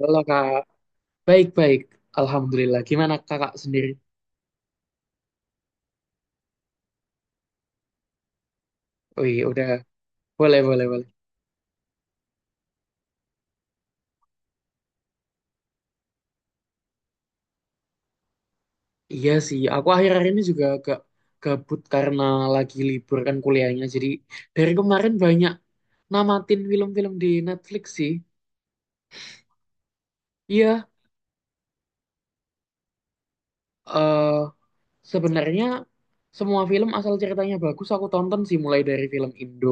Halo kak, baik-baik, alhamdulillah. Gimana kakak sendiri? Wih, udah boleh, boleh, boleh. Iya sih, aku akhir-akhir ini juga agak gabut karena lagi libur kan kuliahnya. Jadi dari kemarin banyak namatin film-film di Netflix sih. Iya, eh sebenarnya semua film asal ceritanya bagus aku tonton sih, mulai dari film Indo,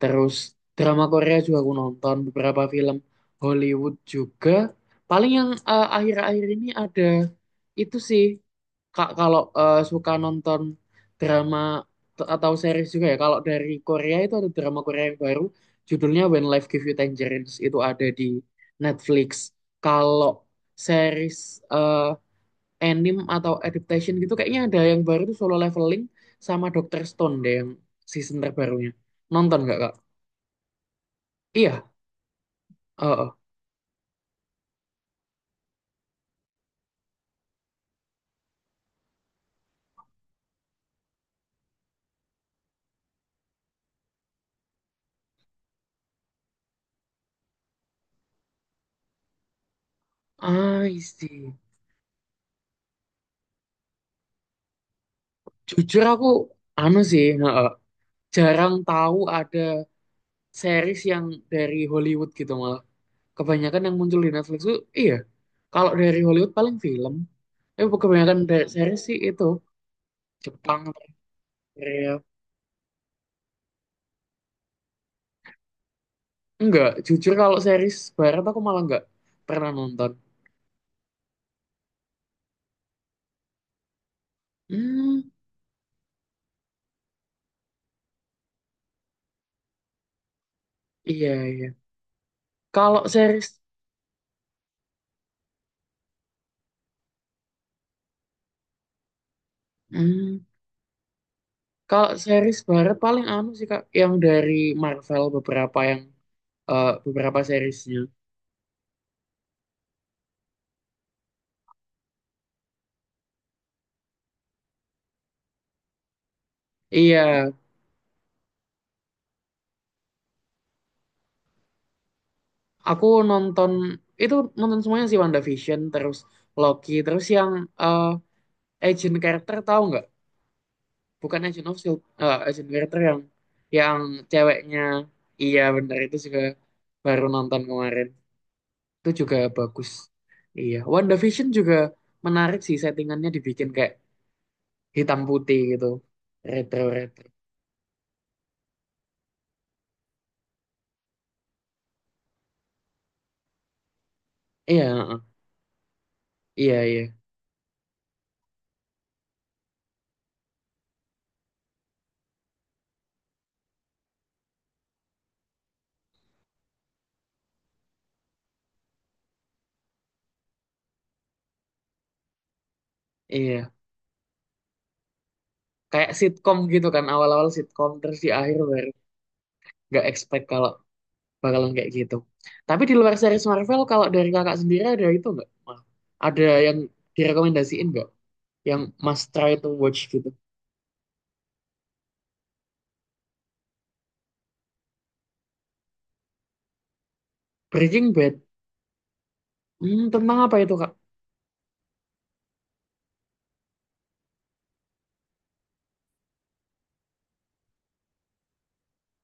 terus drama Korea juga aku nonton, beberapa film Hollywood juga. Paling yang akhir-akhir ini ada itu sih. Kak kalau suka nonton drama atau series juga ya. Kalau dari Korea itu ada drama Korea yang baru judulnya When Life Gives You Tangerines, itu ada di Netflix. Kalau series eh, anime atau adaptation gitu kayaknya ada yang baru tuh Solo Leveling sama Doctor Stone deh yang season terbarunya. Nonton nggak Kak? Iya, heeh. I see. Jujur aku anu sih, heeh. Jarang tahu ada series yang dari Hollywood gitu malah. Kebanyakan yang muncul di Netflix tuh iya. Kalau dari Hollywood paling film. Tapi kebanyakan dari series sih itu Jepang, Korea. Enggak, jujur kalau series barat aku malah enggak pernah nonton. Hmm. Iya, iya. Kalau series, hmm, kalau series barat paling anu sih Kak, yang dari Marvel beberapa yang beberapa seriesnya. Iya, aku nonton itu nonton semuanya sih WandaVision, terus Loki, terus yang eh, Agent Carter tahu nggak? Bukan Agent of Shield, eh, Agent Carter yang yang ceweknya. Iya, bener itu juga baru nonton kemarin. Itu juga bagus. Iya, WandaVision juga menarik sih, settingannya dibikin kayak hitam putih gitu, retro retro. Iya heeh. Iya iya iya, kayak sitkom gitu kan, awal-awal sitkom terus di akhir baru nggak expect kalau bakalan kayak gitu. Tapi di luar series Marvel kalau dari kakak sendiri ada itu nggak Mal? Ada yang direkomendasiin nggak, yang must try to watch gitu. Breaking Bad, hmm, tentang apa itu kak?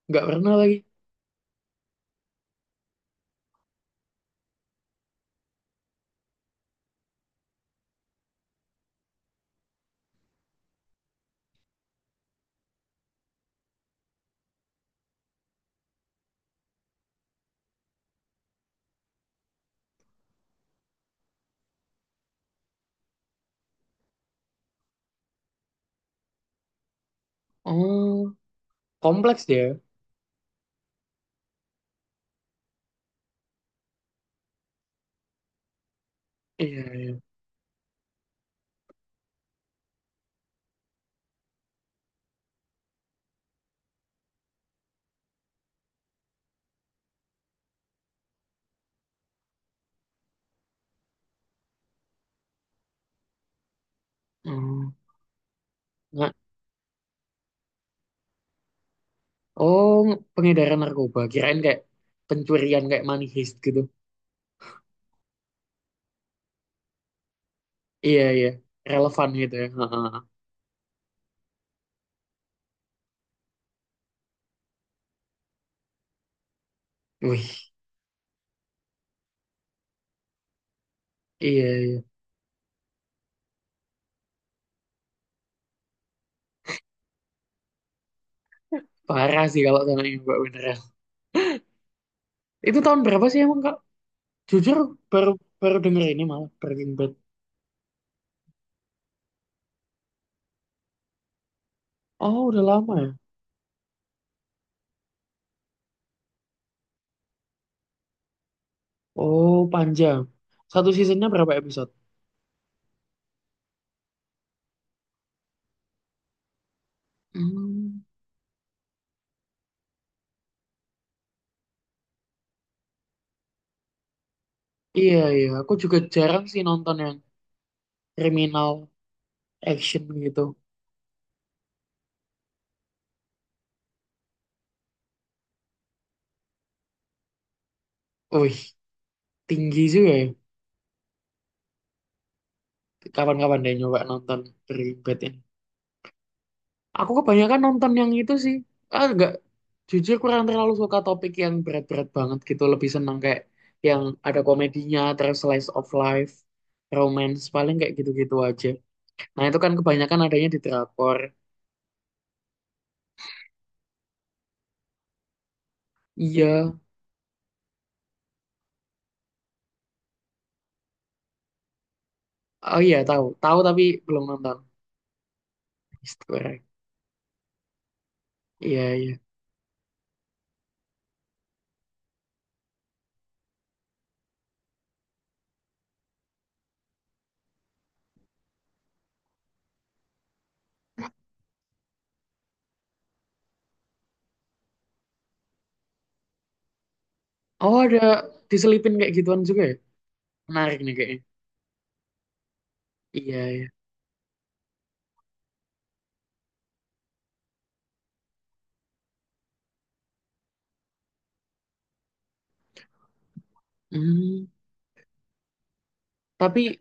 Nggak pernah lagi. Oh, kompleks dia. Iya iya. Oh, nggak- oh, pengedaran narkoba, kirain kayak pencurian kayak money heist gitu. Iya iya, relevan gitu ya. Heeh. Wih, iya iya. Parah sih kalau sama ini Mbak beneran. Itu tahun berapa sih emang Kak? Jujur baru baru denger ini malah Breaking Bad. Oh, udah lama ya. Oh, panjang. Satu seasonnya berapa episode? Hmm, iya iya, aku juga jarang sih nonton yang kriminal action gitu. Wih, tinggi juga ya. Kapan-kapan deh nyoba nonton Breaking Bad ini. Aku kebanyakan nonton yang itu sih. Ah, enggak, jujur kurang terlalu suka topik yang berat-berat banget gitu. Lebih senang kayak yang ada komedinya, terus slice of life, romance, paling kayak gitu-gitu aja. Nah, itu kan kebanyakan adanya di drakor. Iya, oh iya tahu, tahu tapi belum nonton. Is that iya iya. Oh ada diselipin kayak gituan juga ya? Menarik nih kayaknya. Iya iya. Hmm. Tapi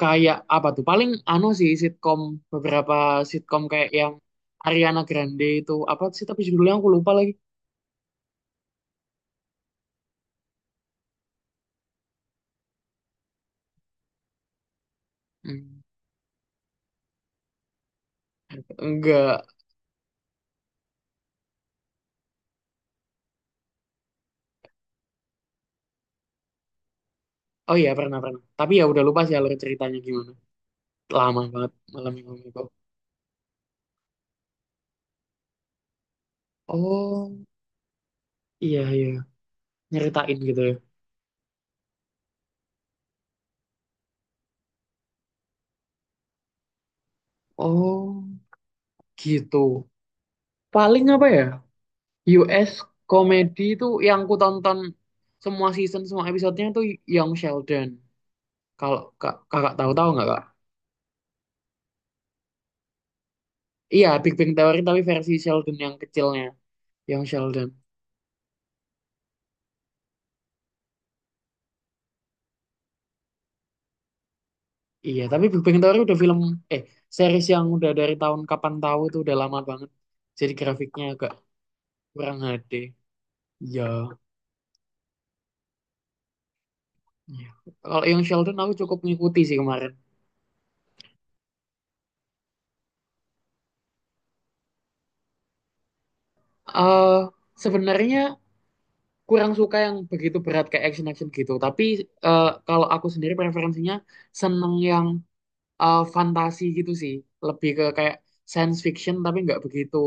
kayak apa tuh paling anu sih sitkom, beberapa sitkom kayak yang Ariana Grande itu apa sih tapi judulnya aku lupa lagi. Hmm, enggak. Oh iya pernah pernah, tapi ya udah lupa sih alur ceritanya gimana, lama banget Malam Minggu Minggu. Oh iya iya, nyeritain gitu ya. Oh gitu. Paling apa ya, US komedi itu yang ku tonton semua season semua episodenya tuh Young Sheldon, kalau kak, kakak tahu tahu nggak kak? Iya, Big Bang Theory tapi versi Sheldon yang kecilnya, yang Sheldon. Iya, tapi Big Bang Theory udah film, eh, series yang udah dari tahun kapan tahu, itu udah lama banget. Jadi grafiknya agak kurang HD. Iya. Iya. Kalau yang Sheldon aku cukup ngikuti sih kemarin. eh Sebenarnya kurang suka yang begitu berat kayak action-action gitu. Tapi kalau aku sendiri preferensinya seneng yang fantasi gitu sih. Lebih ke kayak science fiction tapi nggak begitu.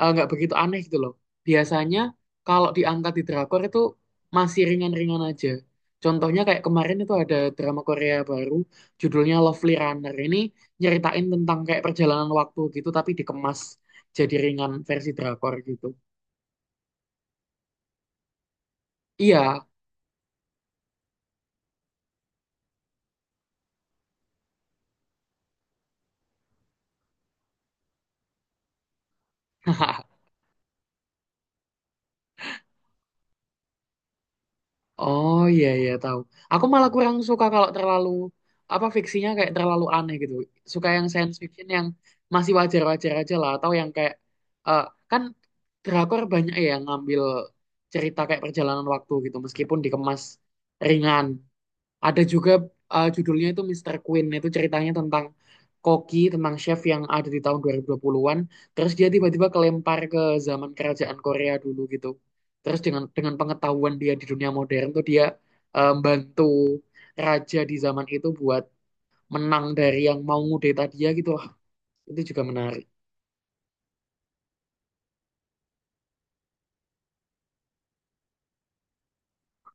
Eh, nggak begitu aneh gitu loh. Biasanya kalau diangkat di drakor itu masih ringan-ringan aja. Contohnya kayak kemarin itu ada drama Korea baru judulnya Lovely Runner. Ini nyeritain tentang kayak perjalanan waktu gitu tapi dikemas jadi ringan versi drakor gitu. Iya. Oh iya iya tahu. Aku malah kurang suka kalau terlalu apa, fiksinya kayak terlalu aneh gitu. Suka yang science fiction yang masih wajar-wajar aja lah, atau yang kayak eh, kan drakor banyak ya yang ngambil cerita kayak perjalanan waktu gitu meskipun dikemas ringan. Ada juga judulnya itu Mister Queen. Itu ceritanya tentang koki, tentang chef yang ada di tahun 2020-an. Terus dia tiba-tiba kelempar ke zaman kerajaan Korea dulu gitu. Terus dengan pengetahuan dia di dunia modern tuh dia bantu raja di zaman itu buat menang dari yang mau ngudeta dia gitu lah. Itu juga menarik.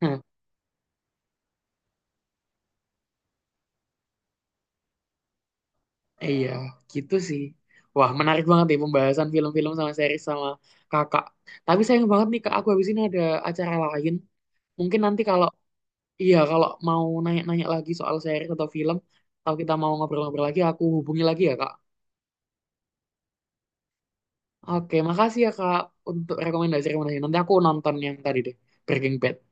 Hah, iya, gitu sih. Wah, menarik banget nih pembahasan film-film sama series sama kakak. Tapi sayang banget nih kak, aku habis ini ada acara lain. Mungkin nanti kalau iya, kalau mau nanya-nanya lagi soal series atau film, kalau kita mau ngobrol-ngobrol lagi, aku hubungi lagi ya, Kak. Oke, makasih ya, Kak, untuk rekomendasi-rekomendasi. Nanti aku nonton yang tadi deh, Breaking Bad.